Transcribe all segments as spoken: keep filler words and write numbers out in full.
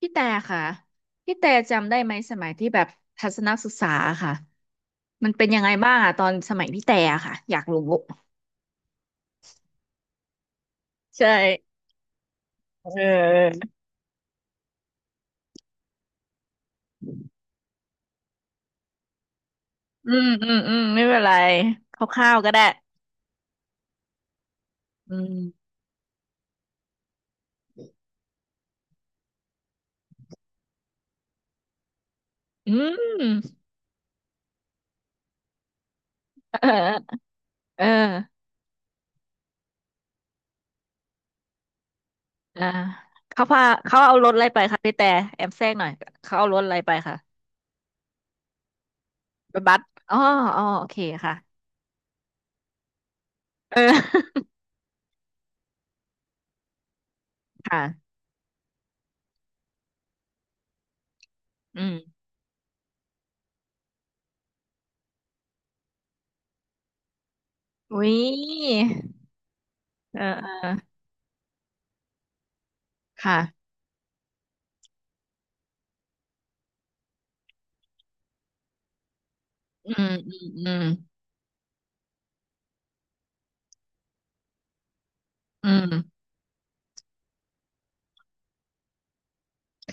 พี่แต่ค่ะพี่แต่จำได้ไหมสมัยที่แบบทัศนศึกษาค่ะมันเป็นยังไงบ้างอะตอนสมัยพี่แต่อะค่ะอยากรู้ใช่เอออืมอืมอืมไม่เป็นไรคร่าวๆก็ได้อืมอืม เออเอออ่าเขาพาเขาเอารถอะไรไปคะพี่แต่แอมแทรกหน่อยเขาเอารถอะไรไปค่ะไปบัสอ๋ออ๋อโอเคค่ะเออ ค่ะอืมอุ้ยเออเออค่ะอืมอืมอืม อืม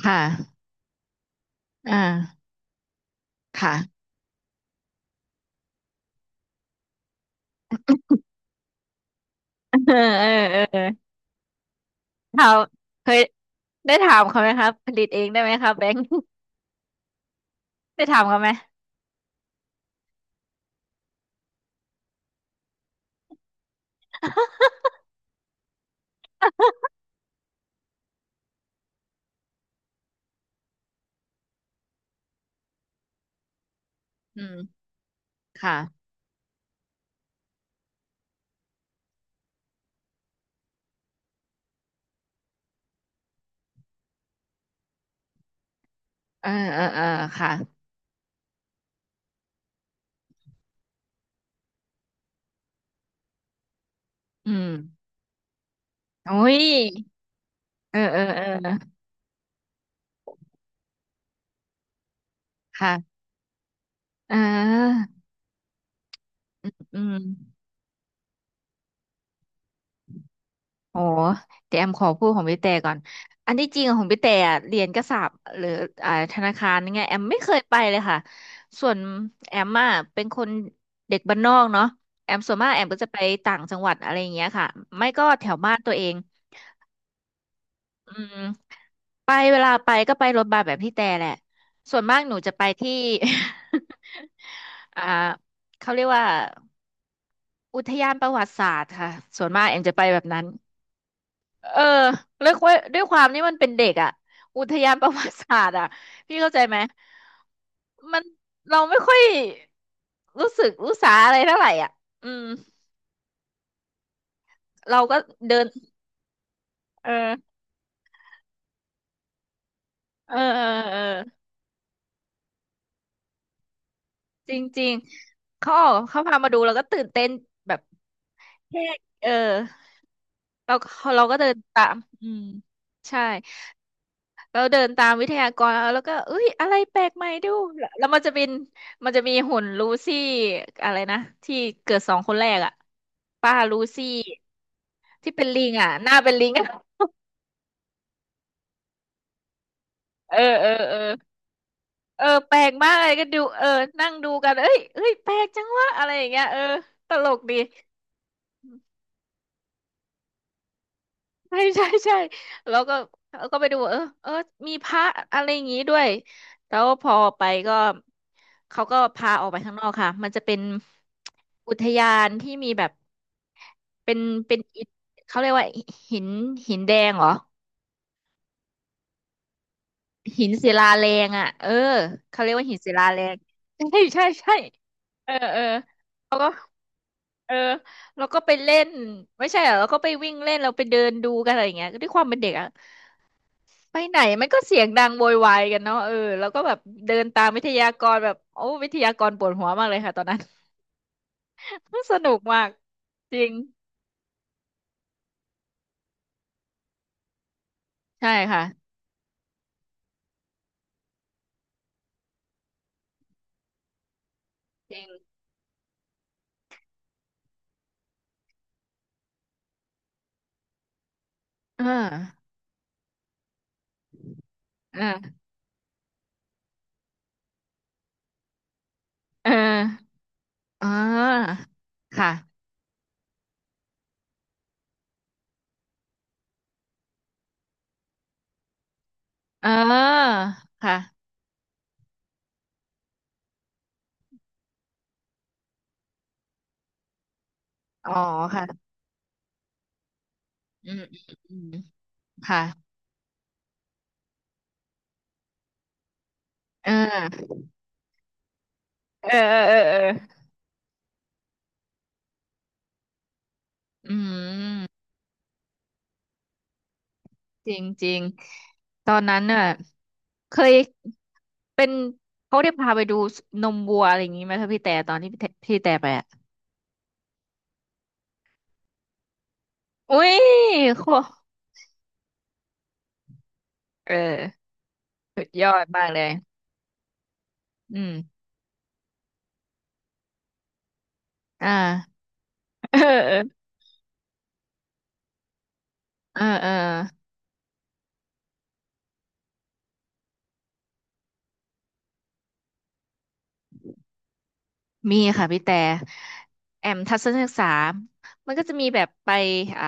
ค่ะอ่าค่ะเออเออเออถามเคยได้ถามเขาไหมครับผลิตเองได้ไหมครับแบงค์ ได้ถามเขาไหม อืมค่ะเออเออเออค่ะ อืมโอ้ย เออเออเออ ค่ะเอออืม ออเดี๋ยวแอมขอพูดของพี่แต่ก่อนอันที่จริงอะของพี่แต่อะเรียนกษาปณ์หรืออ่าธนาคารนี่ไงแอมไม่เคยไปเลยค่ะส่วนแอมอ่ะเป็นคนเด็กบ้านนอกเนาะแอมส่วนมากแอมก็จะไปต่างจังหวัดอะไรอย่างเงี้ยค่ะไม่ก็แถวบ้านตัวเองอืมไปเวลาไปก็ไปรถบัสแบบพี่แต่แหละส่วนมากหนูจะไปที่ อ่าเขาเรียกว่าอุทยานประวัติศาสตร์ค่ะส่วนมากแอมจะไปแบบนั้น เออเรียกว่าด้วยความนี่มันเป็นเด็กอ่ะอุทยานประวัติศาสตร์อ่ะพี่เข้าใจไหมมันเราไม่ค่อยรู้สึกรู้สาอะไรเท่าไหร่อ่ะอืมเราก็เดินเออเออเออเออจริงจริงเขาออกเขาพามาดูเราก็ตื่นเต้นแบบแค่เออเราเราก็เดินตามอืมใช่ เราเดินตามวิทยากรแล้วก็เอ้ยอะไรแปลกใหม่ดูแล้วมันจะเป็นมันจะมีหุ่นลูซี่อะไรนะที่เกิดสองคนแรกอ่ะป้าลูซี่ที่เป็นลิงอ่ะหน้าเป็นลิงอะเออเออเออเออแปลกมากเลยก็ดูเออนั่งดูกันเอ้ยเอ้ยแปลกจังวะอะไรอย่างเงี้ยเออตลกดี ใช่ใช่ใช่แล้วก็แล้วก็ไปดูเออเออมีพระอะไรอย่างงี้ด้วยแล้วพอไปก็เขาก็พาออกไปข้างนอกค่ะมันจะเป็นอุทยานที่มีแบบเป็นเป็นอิฐเขาเรียกว่าหินหินแดงเหรอหินศิลาแรงอ่ะเออเขาเรียกว่าหินศิลาแรงใช่ใช่ใช่เออเออเออแล้วก็ไปเล่นไม่ใช่เหรอแล้วก็ไปวิ่งเล่นเราไปเดินดูกันอะไรอย่างเงี้ยด้วยความเป็นเด็กอ่ะ ไปไหนมันก็เสียงดังโวยวายกันเนาะเออแล้วก็แบบเดินตามวิทยากรแบบโอ้วิทยากรปวดหัวมากเลยค่ะตอนนั้น สนุกมากจริงใช่ค่ะจริงเออเออเอออ่าค่ะเออค่ะอ๋อค่ะอืมอืมอืมค่ะเออเออเออเออเอออืมจริงจริงตอนนั้นน่ะเคย เป็นเขาได้พาไปดูนมวัวอะไรอย่างนี้ไหมถ้าพี่แต่ตอนที่พี่แต่พี่แต่ไปอ่ะอุ้ยโคเออสุดยอดมากเลยอืมอ่า เออเออเออเออมีค่ะพี่แต่แอมทัศนศึกษามันก็จะมีแบบไปอ่า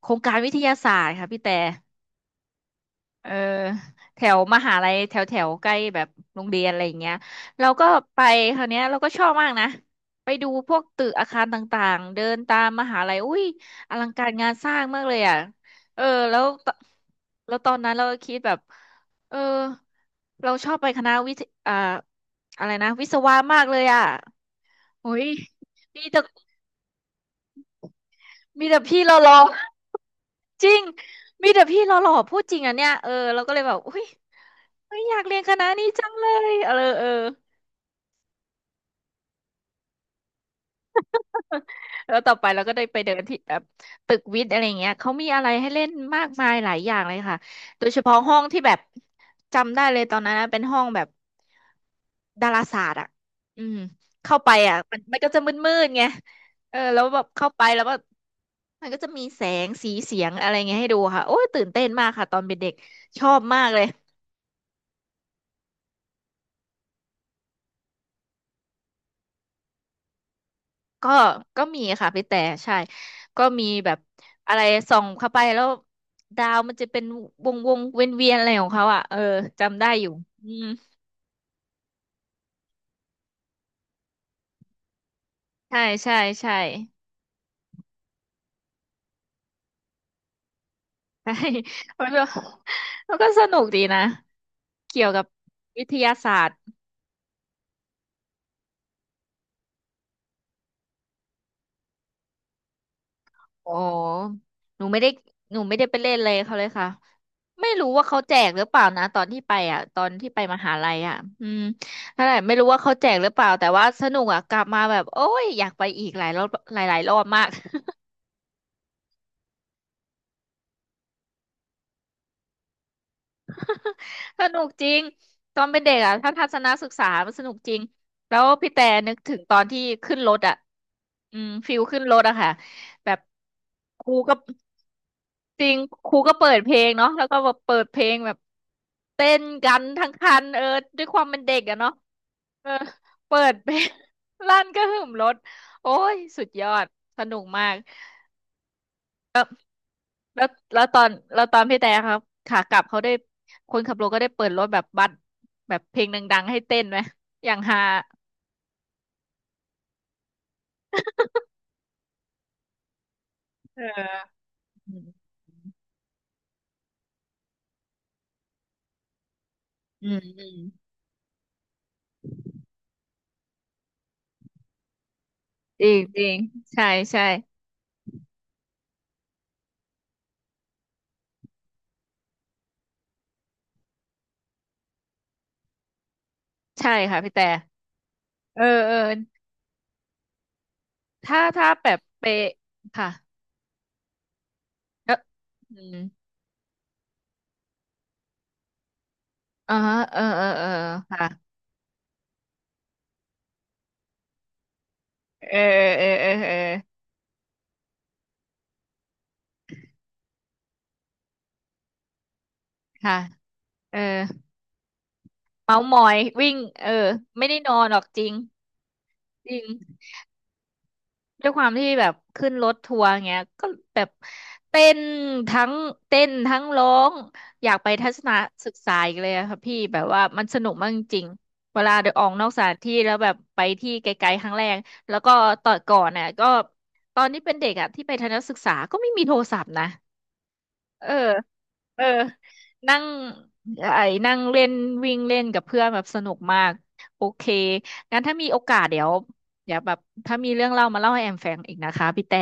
โครงการวิทยาศาสตร์ค่ะพี่แต่ เออแถวมหาลัยแถวแถวใกล้แบบโรงเรียนอะไรอย่างเงี้ยเราก็ไปคราวเนี้ยเราก็ชอบมากนะไปดูพวกตึกอาคารต่างๆเดินตามมหาลัยอุ้ยอลังการงานสร้างมากเลยอ่ะเออแล้วตแล้วตอนนั้นเราก็คิดแบบเออเราชอบไปคณะวิทย์อ่าอะไรนะวิศวะมากเลยอ่ะโอ้ยมีแต่มีแต่พี่เราหรอ จริง มีแต่พี่หล่อๆพูดจริงอ่ะเนี่ยเออเราก็เลยแบบอุ้ยเฮ้ยอยากเรียนคณะนี้จังเลยเออเออแล้วต่อไปเราก็ได้ไปเดินที่แบบตึกวิทย์อะไรเงี้ยเขามีอะไรให้เล่นมากมายหลายอย่างเลยค่ะโดยเฉพาะห้องที่แบบจำได้เลยตอนนั้นนะเป็นห้องแบบดาราศาสตร์อ่ะอืมเข้าไปอ่ะมันมันก็จะมืดๆไงเออแล้วแบบเข้าไปแล้วก็มันก็จะมีแสงสีเสียงอะไรเงี้ยให้ดูค่ะโอ้ยตื่นเต้นมากค่ะตอนเป็นเด็กชอบมากเลย ก็ก็มีค่ะพี่แต่ใช่ ก็มีแบบอะไรส่องเข้าไปแล้วดาวมันจะเป็นวงวงเวียนเวียนๆอะไรของเขาอ่ะ เออจำได้อยู่อืมใช่ใช่ใช่ใช่ มันก็มันก็สนุกดีนะเกี่ยวกับวิทยาศาสตร์ อ๋อหนูไม่ได้ หนูไม่ได้ไปเล่นเลยเขาเลยค่ะไม่รู้ว่าเขาแจกหรือเปล่านะตอนที่ไปอ่ะตอนที่ไปมหาลัยอ่ะอืมนั่นแหละไม่รู้ว่าเขาแจกหรือเปล่าแต่ว่าสนุกอ่ะกลับมาแบบโอ้ยอยากไปอีกหลายรอบหลายๆรอบมาก สนุกจริง ตอนเป็นเด็กอ่ะถ้าทัศนศึกษามันสนุกจริงแล้วพี่แต่นึกถึงตอนที่ขึ้นรถอ่ะอืมฟิลขึ้นรถอะค่ะ แบบครูก็ จริงครูก็เปิดเพลงเนาะแล้วก็แบบเปิดเพลงแบบเต้นกันทั้งคันเออด้วยความเป็นเด็กอะเนาะเออเปิดเพลง ลั่นก็หึมรถโอ้ยสุดยอดสนุกมากแล้วแล้วตอนแล้วตอนพี่แต่ครับขากลับเขาได้คนขับรถก็ได้เปิดรถแบบบัสแบบเพลงดังๆให้เต้นไหมอย่างฮาเอออืมอืมอืมจริงจริงใช่ใช่ใช่ค่ะพี่แต่เออเออถ้าถ้าแบบเปะค่ะแล้วอืม อ๋อเออเออเออค่ะเออเออเออเออค่ะเออเมาส์มอยวิ่งเออไม่ได้นอนหรอกจริงจริงด้วยความที่แบบขึ้นรถทัวร์เงี้ยก็แบบเต้นทั้งเต้นทั้งร้อง อยากไปทัศนศึกษาอีกเลยอะค่ะพี่ แบบว่ามันสนุกมากจริงๆเวลาเดินออกนอกสถานที่แล้วแบบไปที่ไกลๆครั้งแรกแล้วก็ตอนก่อนน่ะก็ตอนนี้เป็นเด็กอะที่ไปทัศนศึกษาก็ไม่มีโทรศัพท์นะ เออ เออ นั่ง ไอ้นั่งเล่นวิ่งเล่นกับเพื่อนแบบสนุกมาก โอเคงั้นถ้ามีโอกาสเดี๋ยวเดี๋ยวแบบถ้ามีเรื่องเล่ามาเล่าให้แอมฟังอีกนะคะพี่แต่